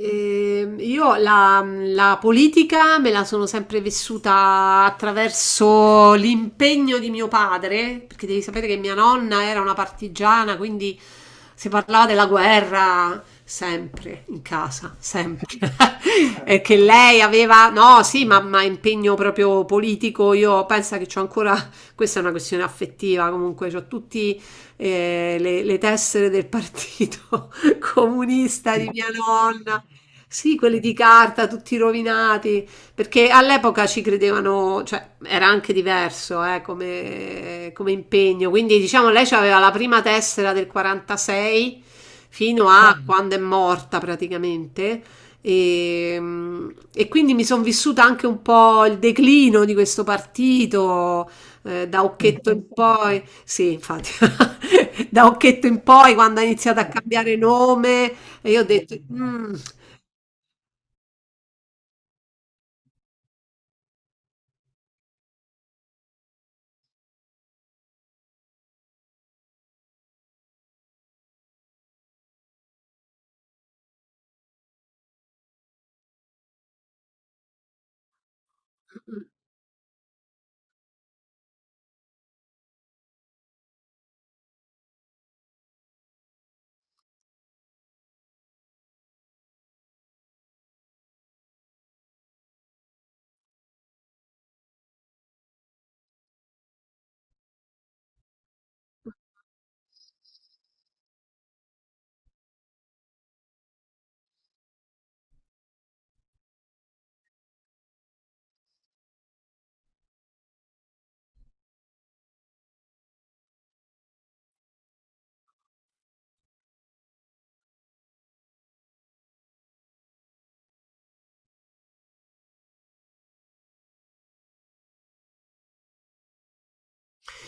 Io la politica me la sono sempre vissuta attraverso l'impegno di mio padre, perché devi sapere che mia nonna era una partigiana, quindi si parlava della guerra sempre in casa, sempre. E che lei aveva, no, sì, ma impegno proprio politico. Io penso che c'ho ancora, questa è una questione affettiva, comunque, c'ho tutti le tessere del partito comunista di mia nonna. Sì, quelli di carta, tutti rovinati, perché all'epoca ci credevano, cioè era anche diverso come, come impegno. Quindi diciamo lei aveva la prima tessera del 46 fino a quando è morta praticamente. E, mm, e quindi mi sono vissuta anche un po' il declino di questo partito, da Occhetto in poi. Sì, infatti, da Occhetto in poi, quando ha iniziato a cambiare nome, e io ho detto, "Mm,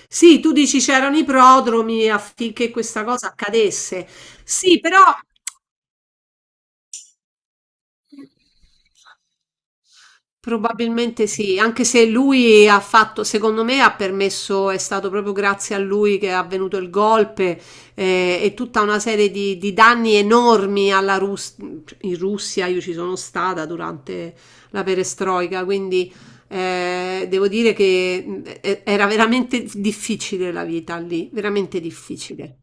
sì, tu dici c'erano i prodromi affinché questa cosa accadesse. Sì, però probabilmente sì, anche se lui ha fatto, secondo me ha permesso, è stato proprio grazie a lui che è avvenuto il golpe e tutta una serie di danni enormi alla in Russia. Io ci sono stata durante la perestroica, quindi devo dire che era veramente difficile la vita lì, veramente difficile.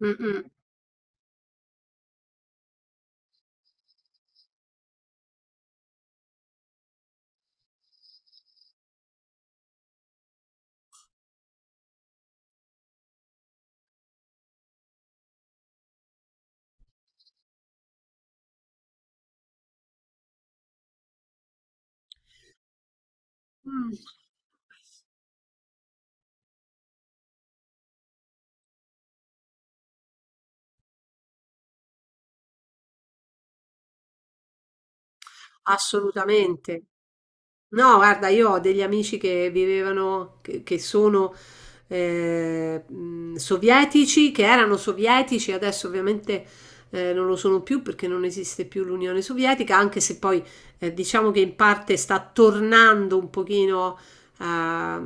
Mm, mm. Mh, assolutamente. No, guarda, io ho degli amici che vivevano, che sono sovietici, che erano sovietici, adesso ovviamente non lo sono più perché non esiste più l'Unione Sovietica, anche se poi diciamo che in parte sta tornando un pochino a-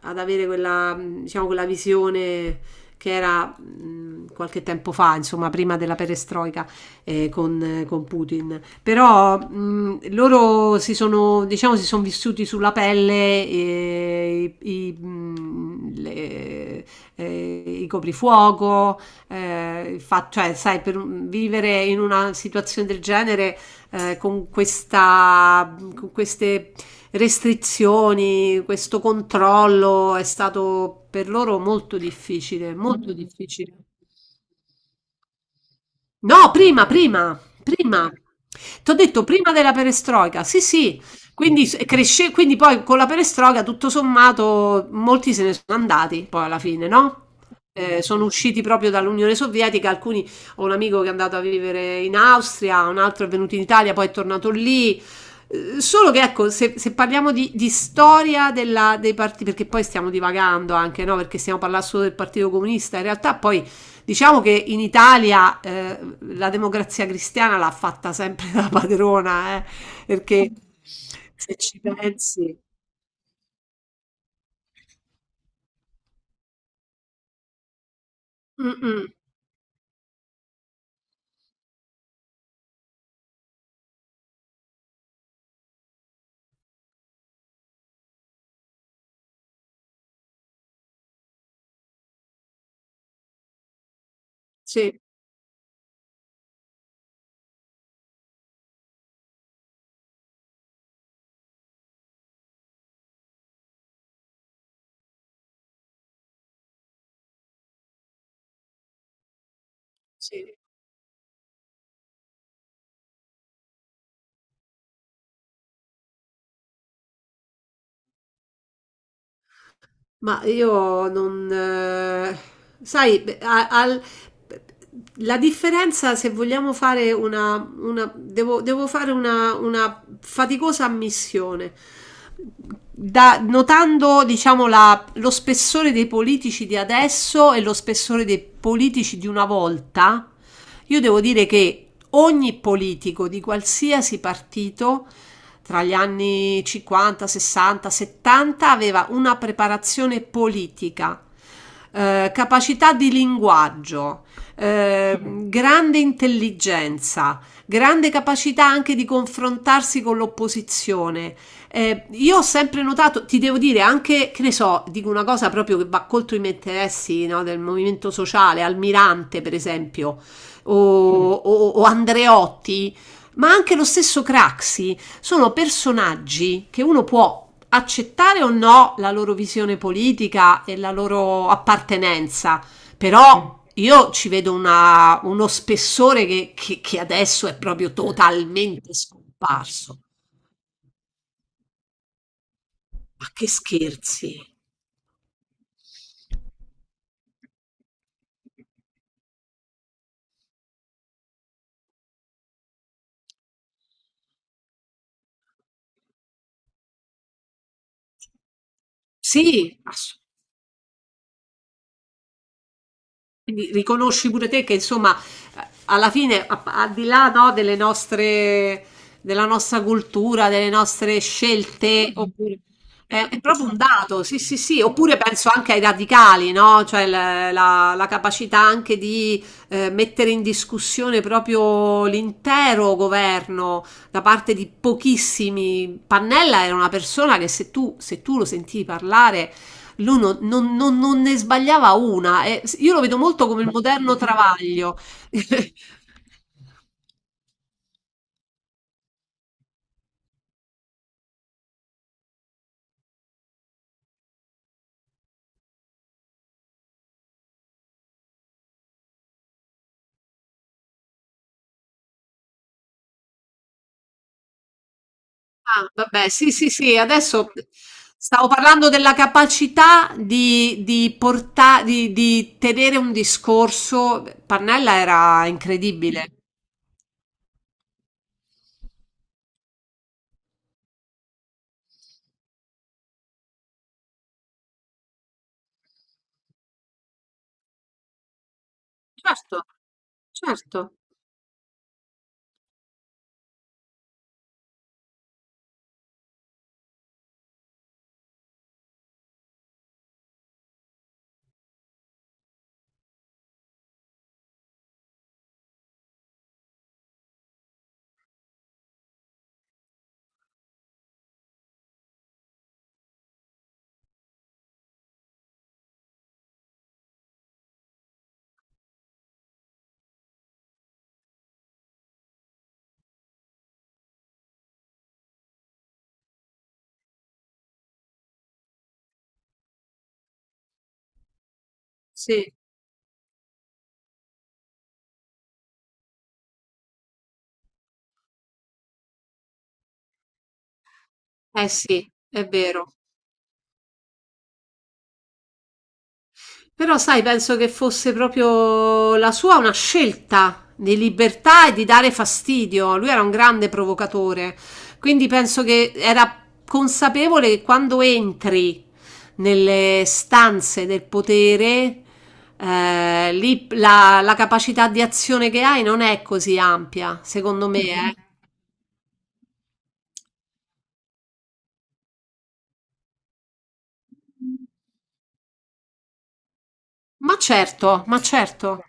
ad avere quella, diciamo, quella visione che era qualche tempo fa, insomma, prima della perestroica con Putin. Però loro si sono, diciamo, si sono vissuti sulla pelle i coprifuoco, cioè, sai, vivere in una situazione del genere con questa, con queste restrizioni, questo controllo è stato per loro molto difficile, molto difficile. No, prima, prima, prima. T'ho detto prima della perestroica. Sì, sì. Quindi cresce, quindi poi con la perestroica tutto sommato molti se ne sono andati poi alla fine, no? Sono usciti proprio dall'Unione Sovietica, alcuni, ho un amico che è andato a vivere in Austria, un altro è venuto in Italia, poi è tornato lì. Solo che ecco, se parliamo di storia dei partiti, perché poi stiamo divagando anche, no? Perché stiamo parlando solo del Partito Comunista, in realtà poi diciamo che in Italia la democrazia cristiana l'ha fatta sempre la padrona, perché se ci pensi, mm, mm, sì, sì. Ma io non... sai, beh, la differenza se vogliamo fare una... devo, devo fare una faticosa ammissione. Notando, diciamo, lo spessore dei politici di adesso e lo spessore dei politici di una volta, io devo dire che ogni politico di qualsiasi partito tra gli anni 50, 60, 70 aveva una preparazione politica, capacità di linguaggio, grande intelligenza, grande capacità anche di confrontarsi con l'opposizione. Io ho sempre notato, ti devo dire anche, che ne so, dico una cosa proprio che va contro i miei interessi, no, del movimento sociale, Almirante per esempio, o Andreotti, ma anche lo stesso Craxi, sono personaggi che uno può accettare o no la loro visione politica e la loro appartenenza, però io ci vedo uno spessore che, che adesso è proprio totalmente scomparso. Ma che scherzi! Sì, assolutamente. Quindi riconosci pure te che insomma alla fine al di là no, delle nostre della nostra cultura, delle nostre scelte, sì, oppure è proprio un esatto. Dato, sì, sì, sì, oppure penso anche ai radicali, no? Cioè la capacità anche di mettere in discussione proprio l'intero governo da parte di pochissimi. Pannella era una persona che se tu lo sentivi parlare lui non ne sbagliava una. Io lo vedo molto come il moderno Travaglio. Ah, vabbè, sì, sì, sì, adesso stavo parlando della capacità di tenere un discorso. Pannella era incredibile. Certo, certo, sì, eh sì, è vero. Però sai, penso che fosse proprio la sua una scelta di libertà e di dare fastidio. Lui era un grande provocatore, quindi penso che era consapevole che quando entri nelle stanze del potere, lì la capacità di azione che hai non è così ampia, secondo me, eh. Ma certo,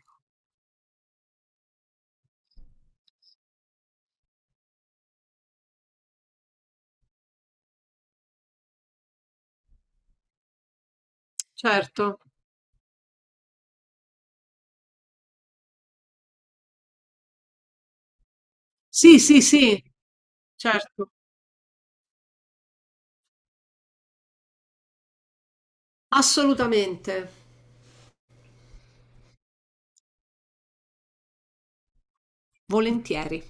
certo. Sì, sì, sì, certo, assolutamente, volentieri.